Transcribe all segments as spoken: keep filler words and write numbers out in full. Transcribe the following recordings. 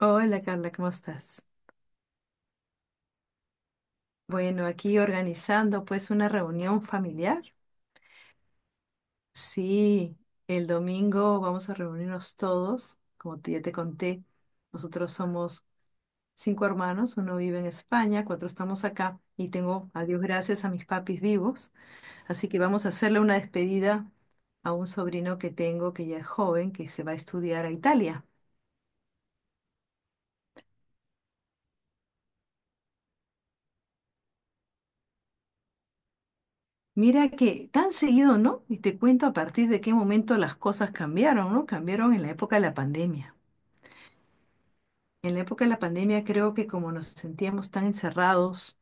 Hola Carla, ¿cómo estás? Bueno, aquí organizando pues una reunión familiar. Sí, el domingo vamos a reunirnos todos, como te- ya te conté, nosotros somos cinco hermanos, uno vive en España, cuatro estamos acá y tengo, a Dios gracias, a mis papis vivos, así que vamos a hacerle una despedida a un sobrino que tengo que ya es joven, que se va a estudiar a Italia. Mira que tan seguido, ¿no? Y te cuento a partir de qué momento las cosas cambiaron, ¿no? Cambiaron en la época de la pandemia. En la época de la pandemia creo que como nos sentíamos tan encerrados,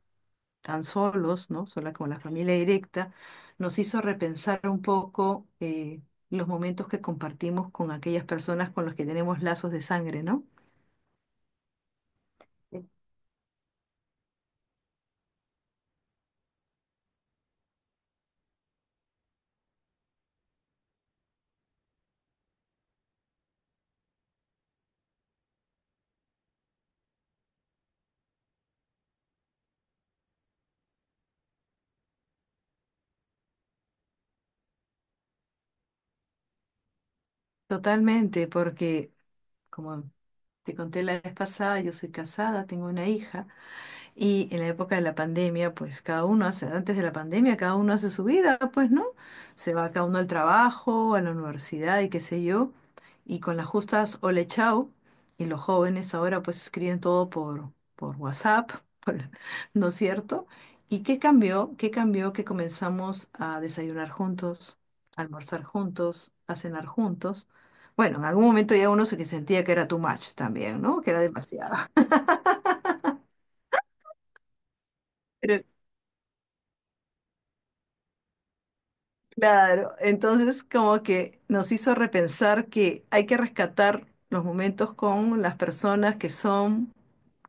tan solos, ¿no? Sola con la familia directa, nos hizo repensar un poco eh, los momentos que compartimos con aquellas personas con las que tenemos lazos de sangre, ¿no? Sí. Totalmente, porque como te conté la vez pasada, yo soy casada, tengo una hija. Y en la época de la pandemia, pues cada uno hace, antes de la pandemia, cada uno hace su vida, pues, ¿no? Se va cada uno al trabajo, a la universidad y qué sé yo. Y con las justas ole chao. Y los jóvenes ahora pues escriben todo por, por WhatsApp, por- ¿no es cierto? ¿Y qué cambió? ¿Qué cambió que comenzamos a desayunar juntos, a almorzar juntos, a cenar juntos? Bueno, en algún momento ya uno se que sentía que era too much también, ¿no? Que era demasiado. Claro, entonces como que nos hizo repensar que hay que rescatar los momentos con las personas que son,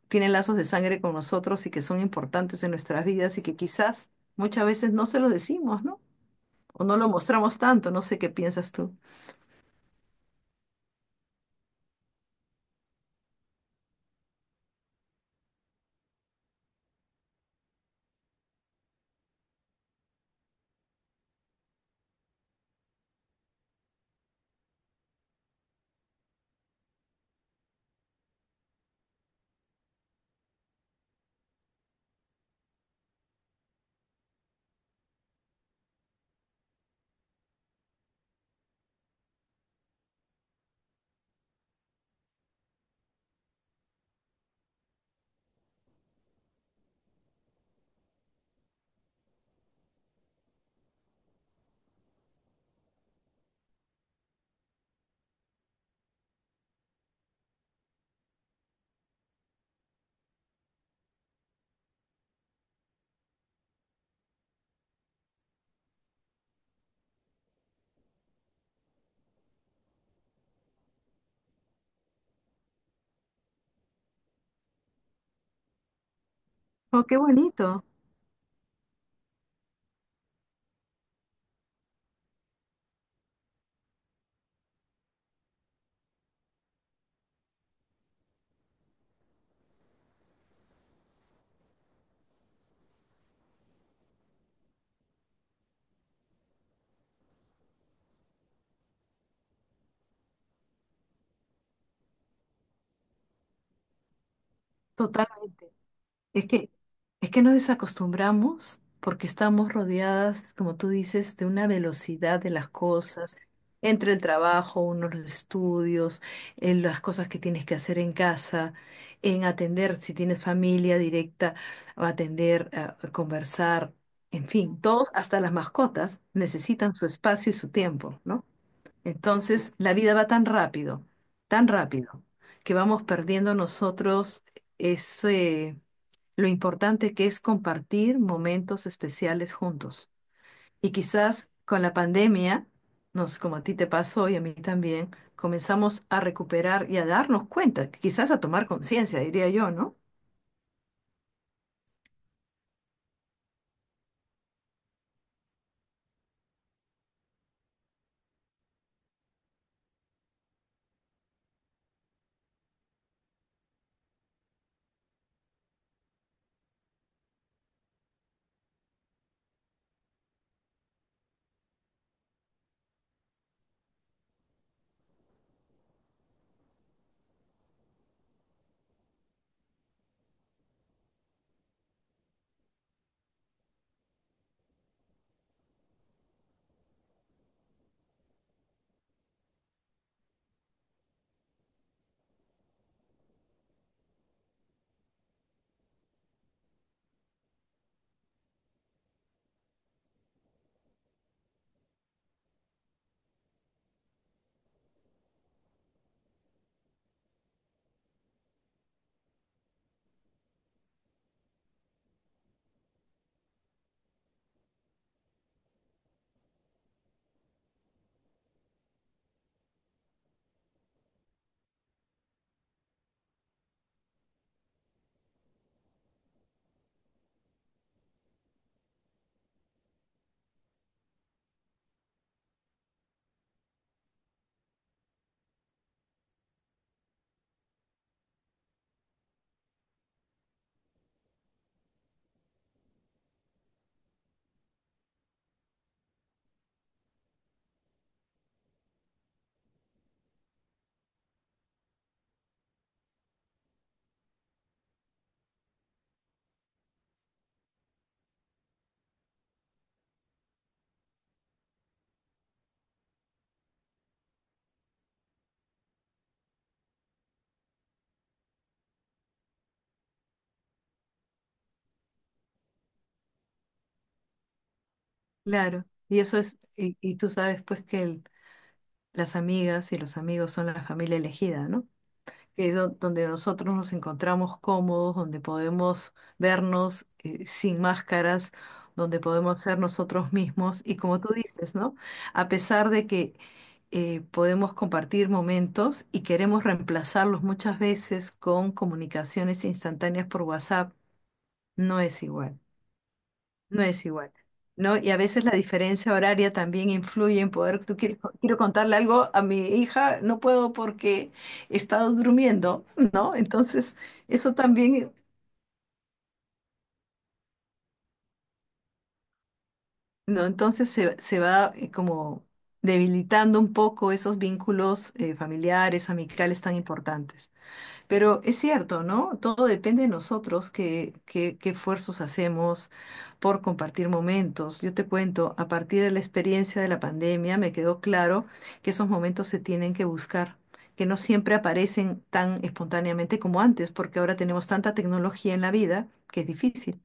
tienen lazos de sangre con nosotros y que son importantes en nuestras vidas y que quizás muchas veces no se los decimos, ¿no? O no lo mostramos tanto, no sé qué piensas tú. Oh, qué bonito, totalmente. Es que, es que nos desacostumbramos porque estamos rodeadas, como tú dices, de una velocidad de las cosas, entre el trabajo, unos los estudios, en las cosas que tienes que hacer en casa, en atender, si tienes familia directa, o atender, a- a conversar, en fin, todos, hasta las mascotas, necesitan su espacio y su tiempo, ¿no? Entonces, la vida va tan rápido, tan rápido, que vamos perdiendo nosotros ese lo importante que es compartir momentos especiales juntos. Y quizás con la pandemia, nos, como a ti te pasó y a mí también, comenzamos a recuperar y a darnos cuenta, quizás a tomar conciencia, diría yo, ¿no? Claro, y eso es, y, y tú sabes pues que el- las amigas y los amigos son la familia elegida, ¿no? Que es do- donde nosotros nos encontramos cómodos, donde podemos vernos eh, sin máscaras, donde podemos ser nosotros mismos y como tú dices, ¿no? A pesar de que eh, podemos compartir momentos y queremos reemplazarlos muchas veces con comunicaciones instantáneas por WhatsApp, no es igual. No es igual, ¿no? Y a veces la diferencia horaria también influye en poder, tú quieres, quiero contarle algo a mi hija, no puedo porque he estado durmiendo, ¿no? Entonces, eso también, ¿no? Entonces se, se va eh, como debilitando un poco esos vínculos eh, familiares, amicales tan importantes. Pero es cierto, ¿no? Todo depende de nosotros, qué, qué, qué esfuerzos hacemos por compartir momentos. Yo te cuento, a partir de la experiencia de la pandemia me quedó claro que esos momentos se tienen que buscar, que no siempre aparecen tan espontáneamente como antes, porque ahora tenemos tanta tecnología en la vida que es difícil.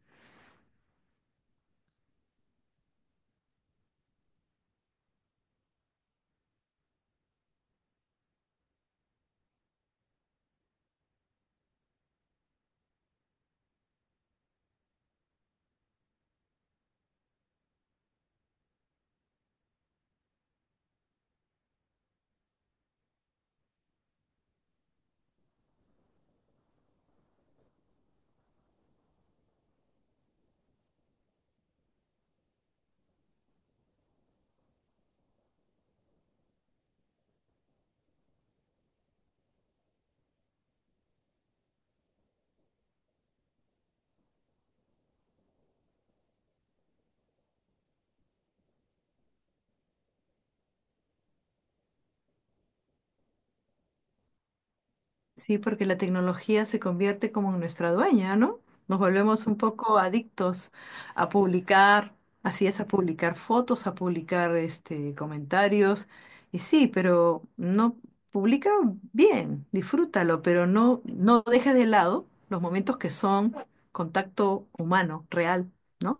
Sí, porque la tecnología se convierte como en nuestra dueña, ¿no? Nos volvemos un poco adictos a publicar, así es, a publicar fotos, a publicar este, comentarios. Y sí, pero no publica bien, disfrútalo, pero no, no dejes de lado los momentos que son contacto humano, real, ¿no?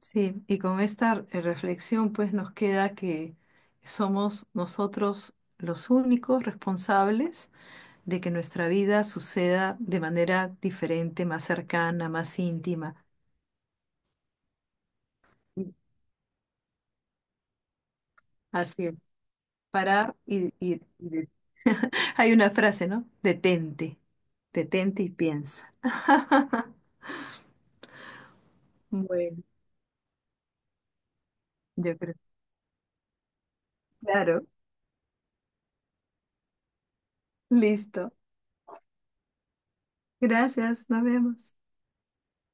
Sí, y con esta eh, reflexión pues nos queda que somos nosotros los únicos responsables de que nuestra vida suceda de manera diferente, más cercana, más íntima. Así es. Parar y, y- y de- Hay una frase, ¿no? Detente, detente y piensa. Bueno, yo creo. Claro, listo. Gracias, nos vemos.